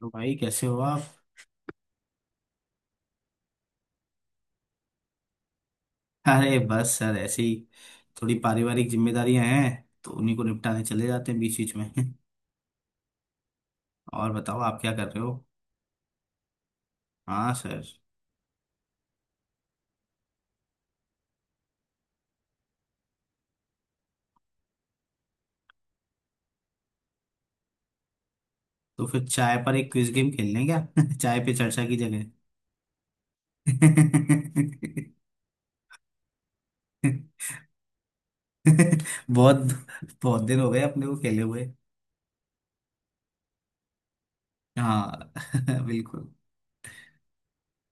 तो भाई कैसे हो आप। अरे बस सर ऐसे ही थोड़ी पारिवारिक जिम्मेदारियां हैं। तो उन्हीं को निपटाने चले जाते हैं बीच बीच में और बताओ आप क्या कर रहे हो। हाँ सर। तो फिर चाय पर एक क्विज गेम खेल लें क्या। चाय पे चर्चा की जगह। बहुत बहुत दिन हो गए अपने को खेले हुए। हाँ बिल्कुल।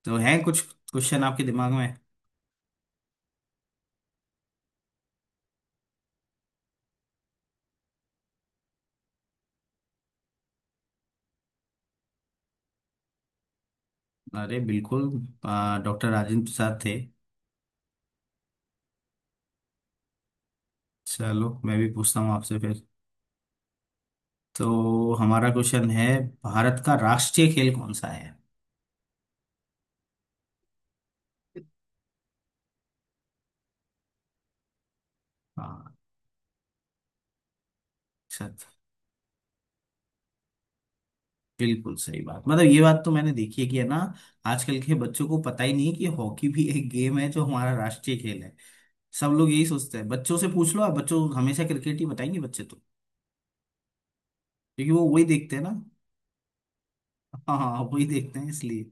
तो हैं कुछ क्वेश्चन आपके दिमाग में। अरे बिल्कुल, डॉक्टर राजेंद्र प्रसाद थे। चलो मैं भी पूछता हूँ आपसे फिर। तो हमारा क्वेश्चन है, भारत का राष्ट्रीय खेल कौन सा है। हाँ। अच्छा, बिल्कुल सही बात। मतलब ये बात तो मैंने देखी है कि है ना, आजकल के बच्चों को पता ही नहीं है कि हॉकी भी एक गेम है जो हमारा राष्ट्रीय खेल है। सब लोग यही सोचते हैं, बच्चों से पूछ लो आप, बच्चों हमेशा क्रिकेट ही बताएंगे बच्चे तो, क्योंकि वो वही देखते हैं ना। हाँ हाँ, वही देखते हैं इसलिए।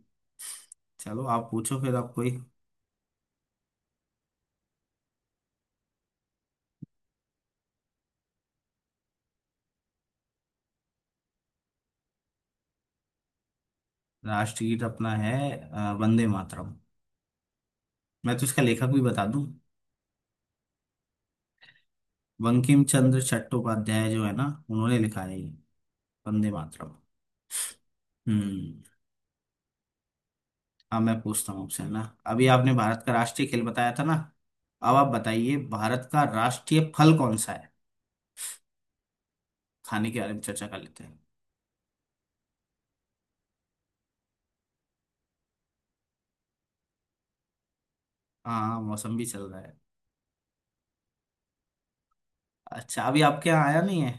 चलो आप पूछो फिर आप कोई। राष्ट्रगीत अपना है वंदे मातरम। मैं तो इसका लेखक भी बता दूं। बंकिम चंद्र चट्टोपाध्याय जो है ना, उन्होंने लिखा है ये। वंदे मातरम। हम्म। अब मैं पूछता हूँ आपसे है ना, अभी आपने भारत का राष्ट्रीय खेल बताया था ना, अब आप बताइए भारत का राष्ट्रीय फल कौन सा है। खाने के बारे में चर्चा कर लेते हैं। हाँ हाँ, मौसम भी चल रहा है। अच्छा, अभी आपके यहाँ आया नहीं है।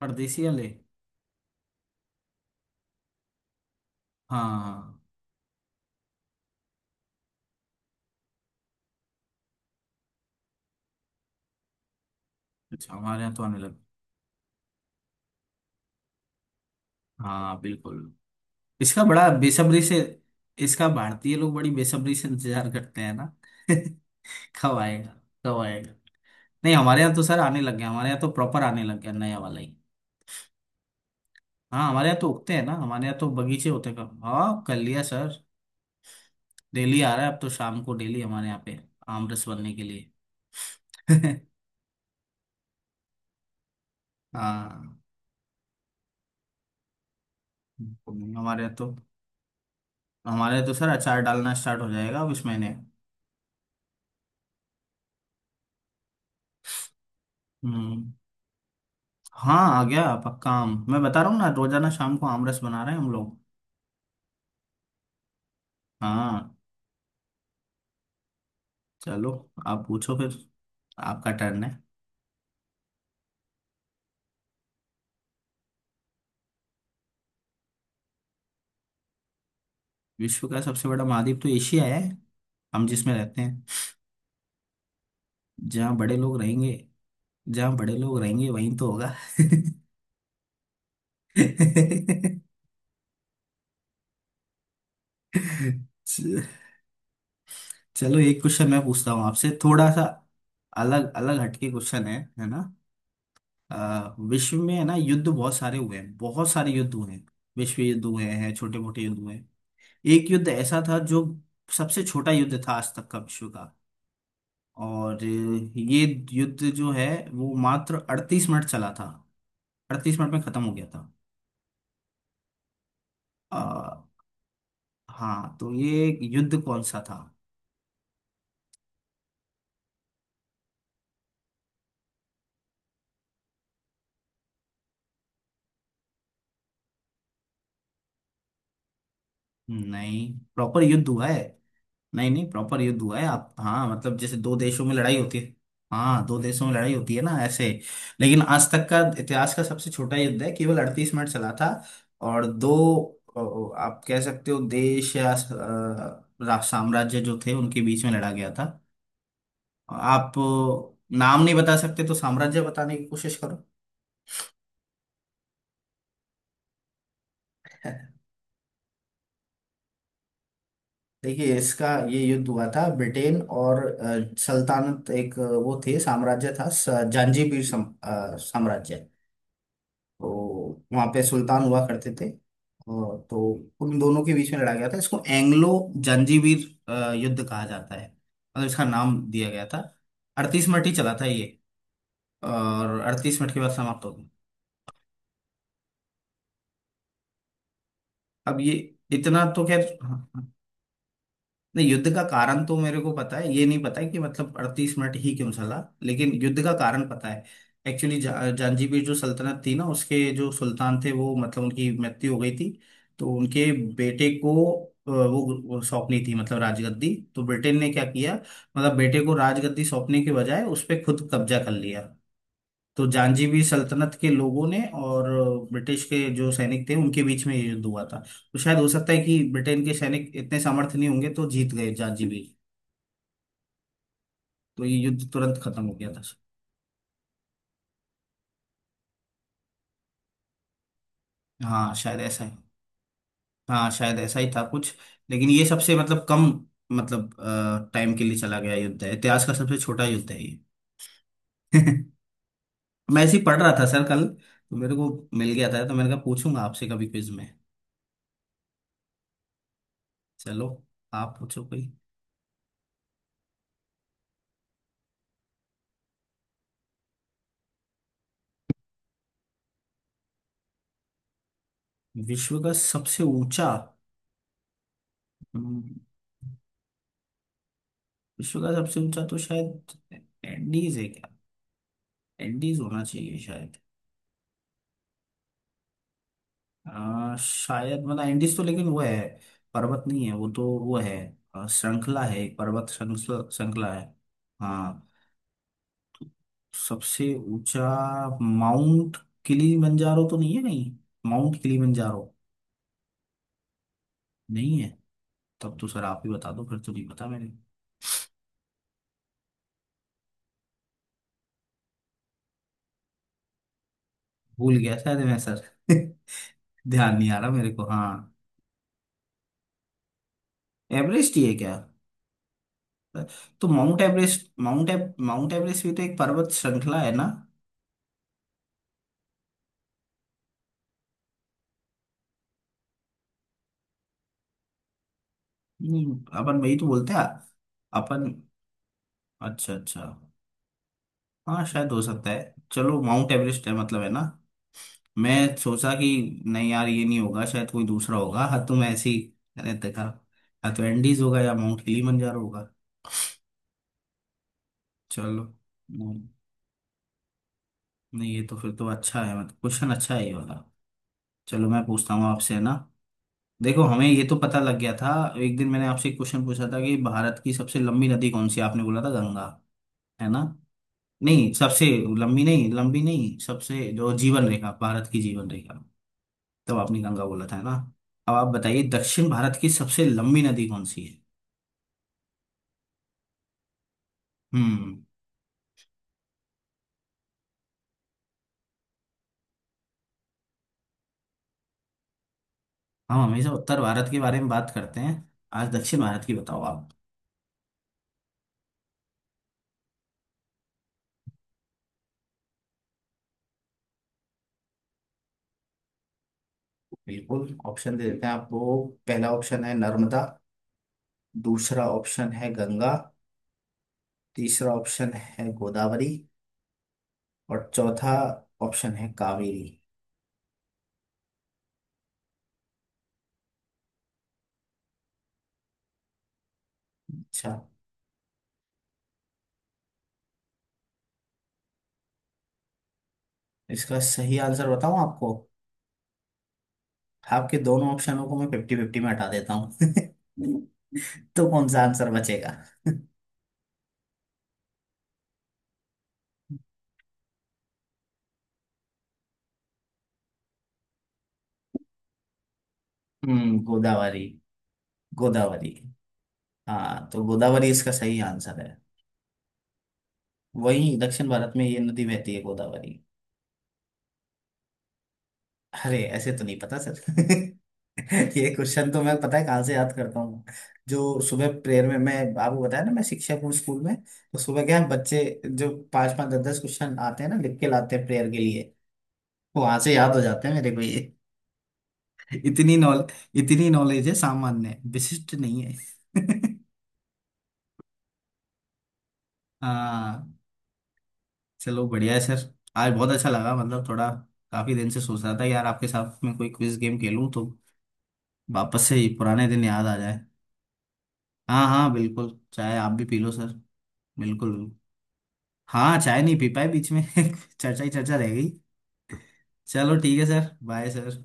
परदेसी वाले। हाँ। अच्छा, हमारे यहाँ तो आने लगे। हाँ बिल्कुल। इसका बड़ा बेसब्री से, इसका भारतीय लोग बड़ी बेसब्री से इंतजार करते हैं ना। कब आएगा। कब आएगा। नहीं हमारे यहाँ तो सर आने लग गया, हमारे यहाँ तो प्रॉपर आने लग गया नया वाला ही। हाँ हमारे यहाँ तो उगते हैं ना, हमारे यहाँ तो बगीचे होते हैं। कब हाँ कर लिया सर। डेली आ रहा है, अब तो शाम को डेली हमारे यहाँ पे आम रस बनने के लिए हाँ हमारे यहाँ तो, हमारे यहाँ तो सर अचार डालना स्टार्ट हो जाएगा अब इस महीने। हम्म। हाँ आ गया पक्का आम, मैं बता रहा हूँ ना, रोजाना शाम को आम रस बना रहे हैं हम लोग। हाँ। चलो आप पूछो फिर। आपका टर्न है। विश्व का सबसे बड़ा महाद्वीप तो एशिया है, हम जिसमें रहते हैं। जहाँ बड़े लोग रहेंगे, जहाँ बड़े लोग रहेंगे वहीं तो होगा। च- चलो एक क्वेश्चन मैं पूछता हूँ आपसे, थोड़ा सा अलग अलग हटके क्वेश्चन है ना। विश्व में है ना युद्ध बहुत सारे हुए हैं, बहुत सारे युद्ध हुए हैं, विश्व युद्ध हुए हैं, छोटे मोटे युद्ध हुए हैं। एक युद्ध ऐसा था जो सबसे छोटा युद्ध था आज तक का विश्व का। और ये युद्ध जो है, वो मात्र 38 मिनट चला था, 38 मिनट में खत्म हो गया था। अ, हाँ तो ये युद्ध कौन सा था। नहीं प्रॉपर युद्ध हुआ है। नहीं नहीं प्रॉपर युद्ध हुआ है आप, हाँ मतलब जैसे दो देशों में लड़ाई होती है। हाँ दो देशों में लड़ाई होती है ना ऐसे, लेकिन आज तक का इतिहास का सबसे छोटा युद्ध है, केवल 38 मिनट चला था। और दो आप कह सकते हो देश या साम्राज्य जो थे उनके बीच में लड़ा गया था। आप नाम नहीं बता सकते तो साम्राज्य बताने की कोशिश करो। देखिए इसका, ये युद्ध हुआ था ब्रिटेन और सल्तनत, एक वो थे, साम्राज्य था जंजीबार साम्राज्य। तो वहाँ पे सुल्तान हुआ करते थे, और तो उन दोनों के बीच में लड़ा गया था। इसको एंग्लो जंजीबार युद्ध कहा जाता है, मतलब इसका नाम दिया गया था। अड़तीस मिनट ही चला था ये, और 38 मिनट के बाद समाप्त हो गया। अब ये, इतना तो खैर हाँ, नहीं युद्ध का कारण तो मेरे को पता है, ये नहीं पता है कि मतलब 38 मिनट ही क्यों चला, लेकिन युद्ध का कारण पता है। एक्चुअली जांजीबीर जो सल्तनत थी ना, उसके जो सुल्तान थे वो, मतलब उनकी मृत्यु हो गई थी। तो उनके बेटे को वो सौंपनी थी मतलब राजगद्दी। तो ब्रिटेन ने क्या किया, मतलब बेटे को राजगद्दी सौंपने के बजाय उस पर खुद कब्जा कर लिया। तो जांजीबी सल्तनत के लोगों ने और ब्रिटिश के जो सैनिक थे उनके बीच में ये युद्ध हुआ था। तो शायद हो सकता है कि ब्रिटेन के सैनिक इतने सामर्थ्य नहीं होंगे तो जीत गए जांजीबी, तो ये युद्ध तुरंत खत्म हो गया था। हाँ शायद ऐसा है। हाँ शायद ऐसा ही था कुछ, लेकिन ये सबसे मतलब कम, मतलब टाइम के लिए चला गया युद्ध है, इतिहास का सबसे छोटा युद्ध है ये। मैं ऐसे ही पढ़ रहा था सर, कल तो मेरे को मिल गया था, तो मैंने कहा पूछूंगा आपसे कभी क्विज में। चलो आप पूछो कोई। विश्व का सबसे ऊंचा, विश्व का सबसे ऊंचा तो शायद एंडीज है क्या, एंडीज होना चाहिए शायद। शायद मतलब एंडीज तो, लेकिन वो है, पर्वत नहीं है वो तो, वो है श्रृंखला है, एक पर्वत श्रृंखला, श्रृंखला है। हाँ तो सबसे ऊंचा माउंट किलीमंजारो तो नहीं है, नहीं माउंट किलीमंजारो नहीं है। तब तो सर आप ही बता दो फिर, तो नहीं पता मैंने, भूल गया शायद मैं सर। ध्यान नहीं आ रहा मेरे को। हाँ एवरेस्ट ही है क्या। तो माउंट एवरेस्ट, माउंट एवरेस्ट भी तो एक पर्वत श्रृंखला है ना। नहीं अपन वही तो बोलते हैं। अपन, अच्छा अच्छा। हाँ शायद हो सकता है, चलो माउंट एवरेस्ट है मतलब, है ना, मैं सोचा कि नहीं यार ये नहीं होगा शायद, कोई दूसरा होगा। हाँ तो मैं ऐसे ही, मैंने देखा, हाँ तो एंडीज होगा या माउंट किलीमंजारो होगा। चलो, नहीं नहीं ये तो फिर तो अच्छा है, मतलब क्वेश्चन अच्छा है ये वाला। चलो मैं पूछता हूँ आपसे है ना, देखो हमें ये तो पता लग गया था। एक दिन मैंने आपसे एक क्वेश्चन पूछा था कि भारत की सबसे लंबी नदी कौन सी है? आपने बोला था गंगा, है ना, नहीं सबसे लंबी नहीं, लंबी नहीं सबसे जो जीवन रेखा, भारत की जीवन रेखा तब, तो आपने गंगा बोला था है ना। अब आप बताइए दक्षिण भारत की सबसे लंबी नदी कौन सी है। हम्म। हम हमेशा उत्तर भारत के बारे में बात करते हैं, आज दक्षिण भारत की बताओ आप। बिल्कुल ऑप्शन दे देते हैं आपको। पहला ऑप्शन है नर्मदा, दूसरा ऑप्शन है गंगा, तीसरा ऑप्शन है गोदावरी, और चौथा ऑप्शन है कावेरी। अच्छा, इसका सही आंसर बताऊं आपको, आपके दोनों ऑप्शनों को मैं फिफ्टी फिफ्टी में हटा देता हूँ। तो कौन सा आंसर बचेगा। हम्म, गोदावरी। गोदावरी। हाँ तो गोदावरी इसका सही आंसर है। वही दक्षिण भारत में ये नदी बहती है, गोदावरी। अरे ऐसे तो नहीं पता सर। ये क्वेश्चन तो मैं, पता है कहाँ से याद करता हूँ, जो सुबह प्रेयर में, मैं आपको बताया ना मैं शिक्षक हूँ स्कूल में, तो सुबह क्या है, बच्चे जो पांच पांच दस दस क्वेश्चन आते हैं ना, लिख के लाते हैं प्रेयर के लिए, वो वहां से याद हो जाते हैं मेरे को ये। इतनी नॉल इतनी नॉलेज है, सामान्य है, विशिष्ट नहीं है। हाँ। चलो बढ़िया है सर, आज बहुत अच्छा लगा मतलब, थोड़ा काफी दिन से सोच रहा था यार आपके साथ में कोई क्विज गेम खेलूं, तो वापस से ये पुराने दिन याद आ जाए। हाँ हाँ बिल्कुल, चाय आप भी पी लो सर। बिल्कुल। हाँ चाय नहीं पी पाए बीच में, चर्चा ही चर्चा रह गई। चलो ठीक है सर, बाय सर।